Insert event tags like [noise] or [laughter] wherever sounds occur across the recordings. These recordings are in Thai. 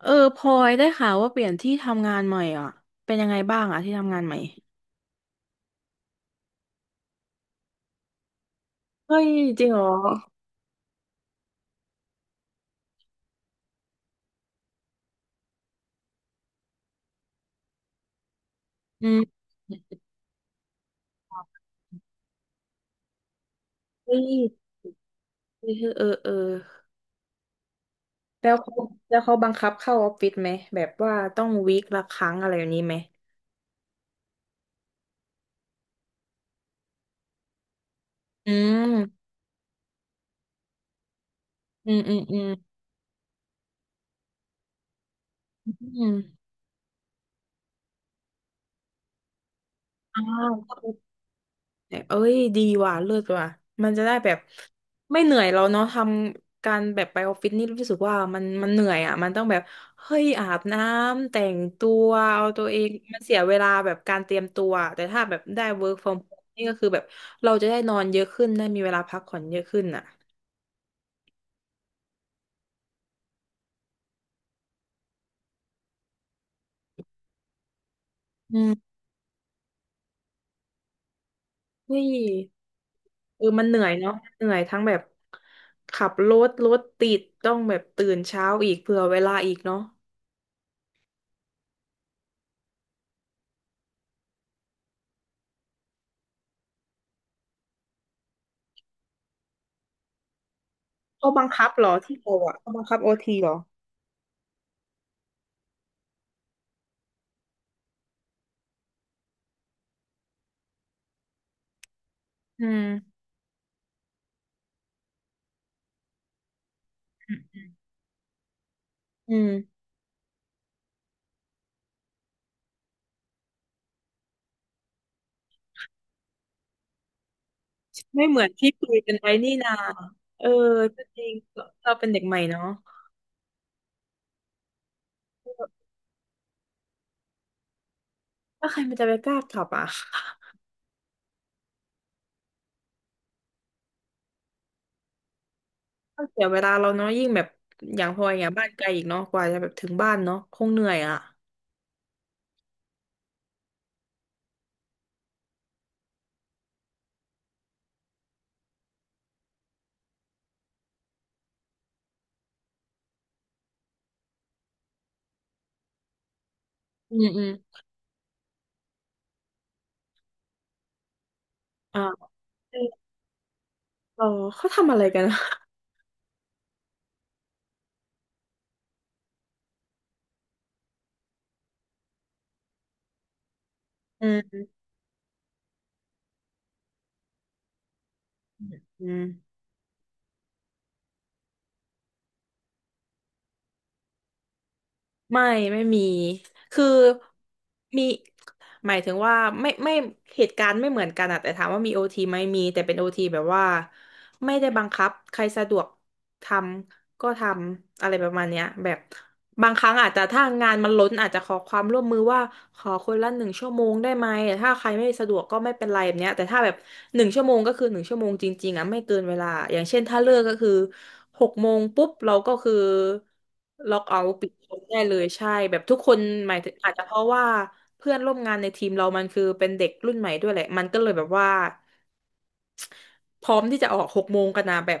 เออพลอยได้ข่าวว่าเปลี่ยนที่ทำงานใหม่อ่ะเป็นยังไงบ้างอ่ะที่ทำงานใหม่เฮ้ยจริงเหรออืมเฮ้ยเออเออเออแล้วเขาแล้วเขาบังคับเข้าออฟฟิศไหมแบบว่าต้องวีคละครั้งอะไรอย่างนี้ไหมอืมอืมอืมอืมอืมอ้าว แบบเอ้ยดีว่ะเลิศว่ะมันจะได้แบบไม่เหนื่อยเราเนาะทำการแบบไปออฟฟิศนี่รู้สึกว่ามันเหนื่อยอ่ะมันต้องแบบเฮ้ยอาบน้ำแต่งตัวเอาตัวเองมันเสียเวลาแบบการเตรียมตัวอะแต่ถ้าแบบได้ work from home นี่ก็คือแบบเราจะได้นอนเยอะขึ้นได้มีเวลาพักผ่อนเยอะขึ้นอ่ะอืมเฮ้ยเออมันเหนื่อยเนาะเหนื่อยทั้งแบบขับรถรถติดต้องแบบตื่นเช้าอีกเผื่อเวลาอีกเนาะเขาบังคับเหรอที่เราอ่ะเขาบังคับโอทีเหรออืม อืมไม่เหมือนที่คุยกันไว้นี่นาเออก็จริงเราเป็นเด็กใหม่เนาะแล้วใครมันจะไปกล้าขับอ่ะก็เสียเวลาเราเนาะยิ่งแบบอย่างพลอยอย่างบ้านไกลอีกเนาะกว่าจะแบบถึงบ้านเนาะคงเหนื่อยอ่ะอืมอืมอ่าเออเออเขาทำอะไรกันอะอืมอืม ไม่ไม่มีคือมีหมายถึงว่าไม่เหตุการณ์ไม่เหมือนกันอะแต่ถามว่ามีโอทีไหมมีแต่เป็นโอทีแบบว่าไม่ได้บังคับใครสะดวกทำก็ทำอะไรประมาณเนี้ยแบบบางครั้งอาจจะถ้างานมันล้นอาจจะขอความร่วมมือว่าขอคนละหนึ่งชั่วโมงได้ไหมแต่ถ้าใครไม่สะดวกก็ไม่เป็นไรแบบเนี้ยแต่ถ้าแบบ หนึ่งชั่วโมงก็คือหนึ่งชั่วโมงจริงๆอ่ะไม่เกินเวลาอย่างเช่นถ้าเลิกก็คือหกโมงปุ๊บเราก็คือล็อกเอาท์ปิดจบได้เลยใช่แบบทุกคนหมายถึงอาจจะเพราะว่าเพื่อนร่วมงานในทีมเรามันคือเป็นเด็กรุ่นใหม่ด้วยแหละมันก็เลยแบบว่า พร้อมที่จะออกหกโมงกันนะแบบ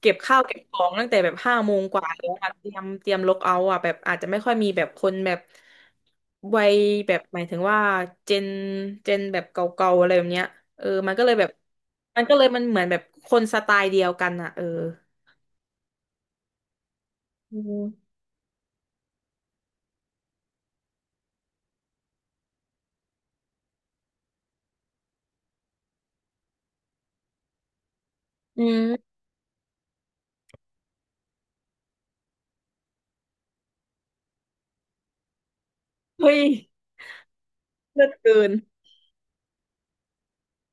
เก็บข้าวเก็บของตั้งแต่แบบห้าโมงกว่าแล้วอะเตรียมล็อกเอาท์อ่ะแบบอาจจะไม่ค่อยมีแบบคนแบบวัยแบบหมายถึงว่าเจนเจนแบบเก่าๆอะไรแบบเนี้ยเออมันก็เลยแบบมันก็เลยมันเหมือนแบบคนสไตล์เดียวกันอ่ะเอออืมอืมเฮ้ยเลิศเกิน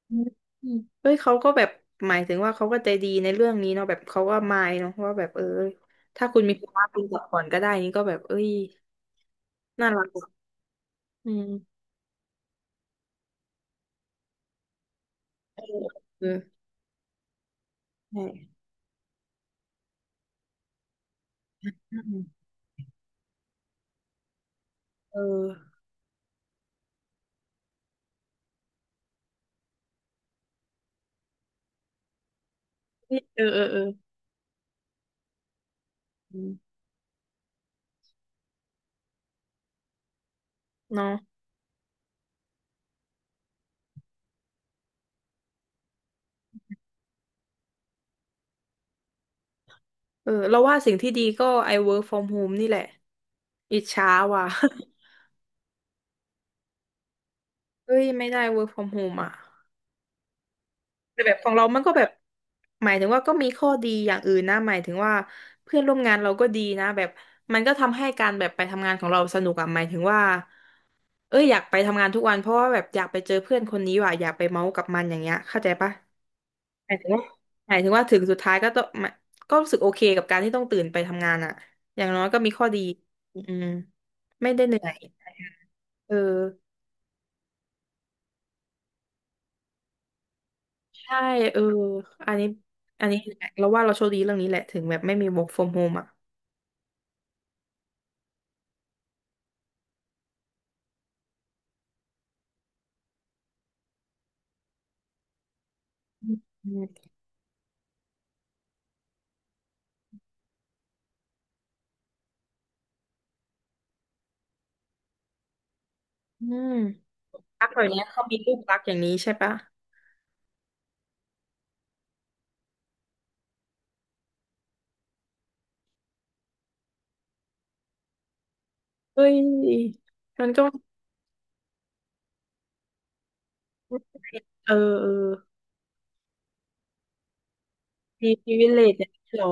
อืมอืมเฮ้ยเขาก็แบบหมายถึงว่าเขาก็ใจดีในเรื่องนี้เนาะแบบเขาก็มายเนาะว่าแบบเออถ้าคุณมีภาระคุณกัดก่อนก็ได้นี่ก็แบบเอ้ย น่ารักอะอืมเออเออใช่อืมเออนี่เออเออเอออืมเนาะเออเราว่าสิ่งที่ดีก็ I work from home นี่แหละอิจฉาว่ะ [laughs] เอ้ยไม่ได้ work from home อ่ะแต่แบบของเรามันก็แบบหมายถึงว่าก็มีข้อดีอย่างอื่นนะหมายถึงว่าเพื่อนร่วมงานเราก็ดีนะแบบมันก็ทำให้การแบบไปทำงานของเราสนุกอ่ะหมายถึงว่าเอ้ยอยากไปทำงานทุกวันเพราะว่าแบบอยากไปเจอเพื่อนคนนี้ว่ะอยากไปเมาส์กับมันอย่างเงี้ยเข้าใจปะ หมายถึงว่าหมายถึงว่าถึงสุดท้ายก็ต้องมาก็รู้สึกโอเคกับการที่ต้องตื่นไปทำงานอ่ะอย่างน้อยก็มีข้อดีอืมไม่ได้เหนื่อยเออใช่เอออันนี้อันนี้แหละเราว่าเราโชคดีเรื่องนี้แหละถึงแบบไม่มี work from home อ่ะอืมอืมรักแบบเนี้ยเขามีรูปลักษณ์อย่างนี้ใช่ปะเฮ้ยมันก็เออเออมี privilege เนี่ยหรอ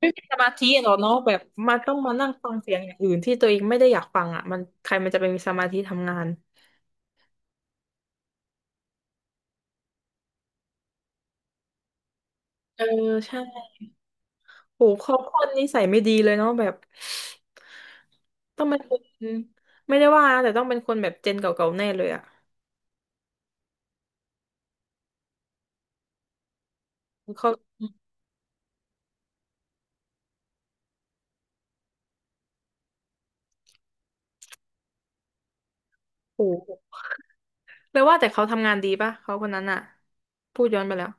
ไม่มีสมาธิหรอกเนาะแบบมันต้องมานั่งฟังเสียงอย่างอื่นที่ตัวเองไม่ได้อยากฟังอ่ะมันใครมันจะไปมีสมาธิทำงานเออใช่โหเขาคนนิสัยไม่ดีเลยเนาะแบบต้องเป็นคนไม่ได้ว่านะแต่ต้องเป็นคนแบบเจนเก่าๆแน่เลยอ่ะเขาโหเลยว่าแต่เขาทำงานดีปะเขาคนนั้นอ่ะพูดย้อนไปแล้ว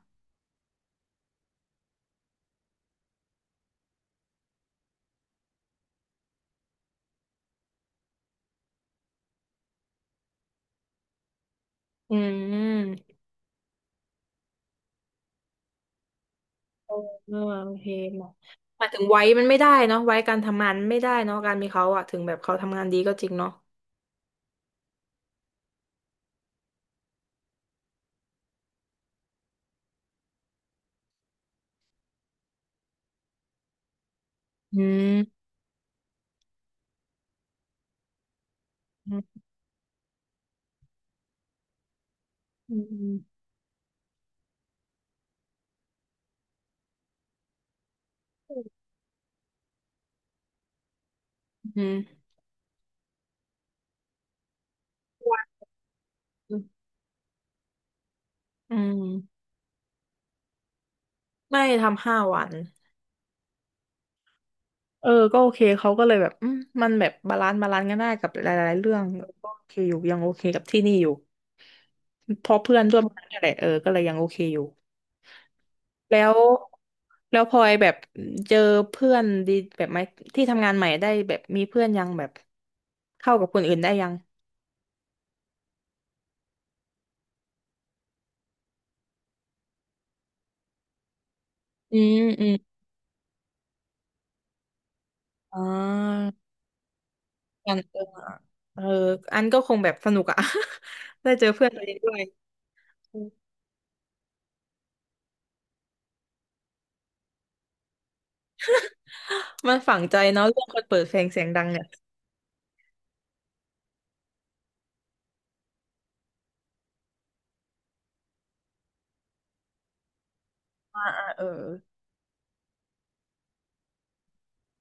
อืมเออโอเคหมอหมายถึงไว้มันไม่ได้เนาะไว้การทำงานไม่ได้เนาะการมีเขาอะถึงแบบเขาทำงานดีก็จริงเนาะอืม อืมอืมอืมวันอืมไม่ทำห้าวันเออก็โอเคเขาก็เลยแบบอืมมันแบบบาลานซ์กันได้กับหลายๆเรื่องก็โอเคอยู่ยังโอเคกับที่นี่อยู่เพราะเพื่อนร่วมงานนั่นแหละเออก็เลยยังโอเคอยู่แล้วแล้วพลอยแบบเจอเพื่อนดีแบบไหมที่ทำงานใหม่ได้แบบมีเพื่อนยังแบบเข้ากับคนอื่นได้ยังอืมอืมอ่ากันเออเอออันก็คงแบบสนุกอะ [laughs] ได้เจอเพื่อนตัวเองด้วย มันฝังใจเนาะเรื่องคนเปิดเพลงเสียงดังเนี่ยเออ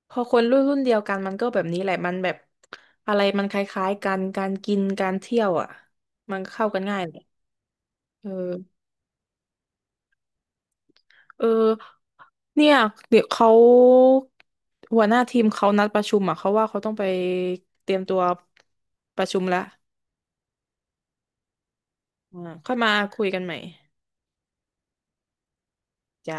พอคนรุ่นเดียวกันมันก็แบบนี้แหละมันแบบอะไรมันคล้ายๆกันการกินการเที่ยวอ่ะมันเข้ากันง่ายเลยเออเออเนี่ยเดี๋ยวเขาหัวหน้าทีมเขานัดประชุมอ่ะเขาว่าเขาต้องไปเตรียมตัวประชุมละอ่าค่อยมาคุยกันใหม่จ้า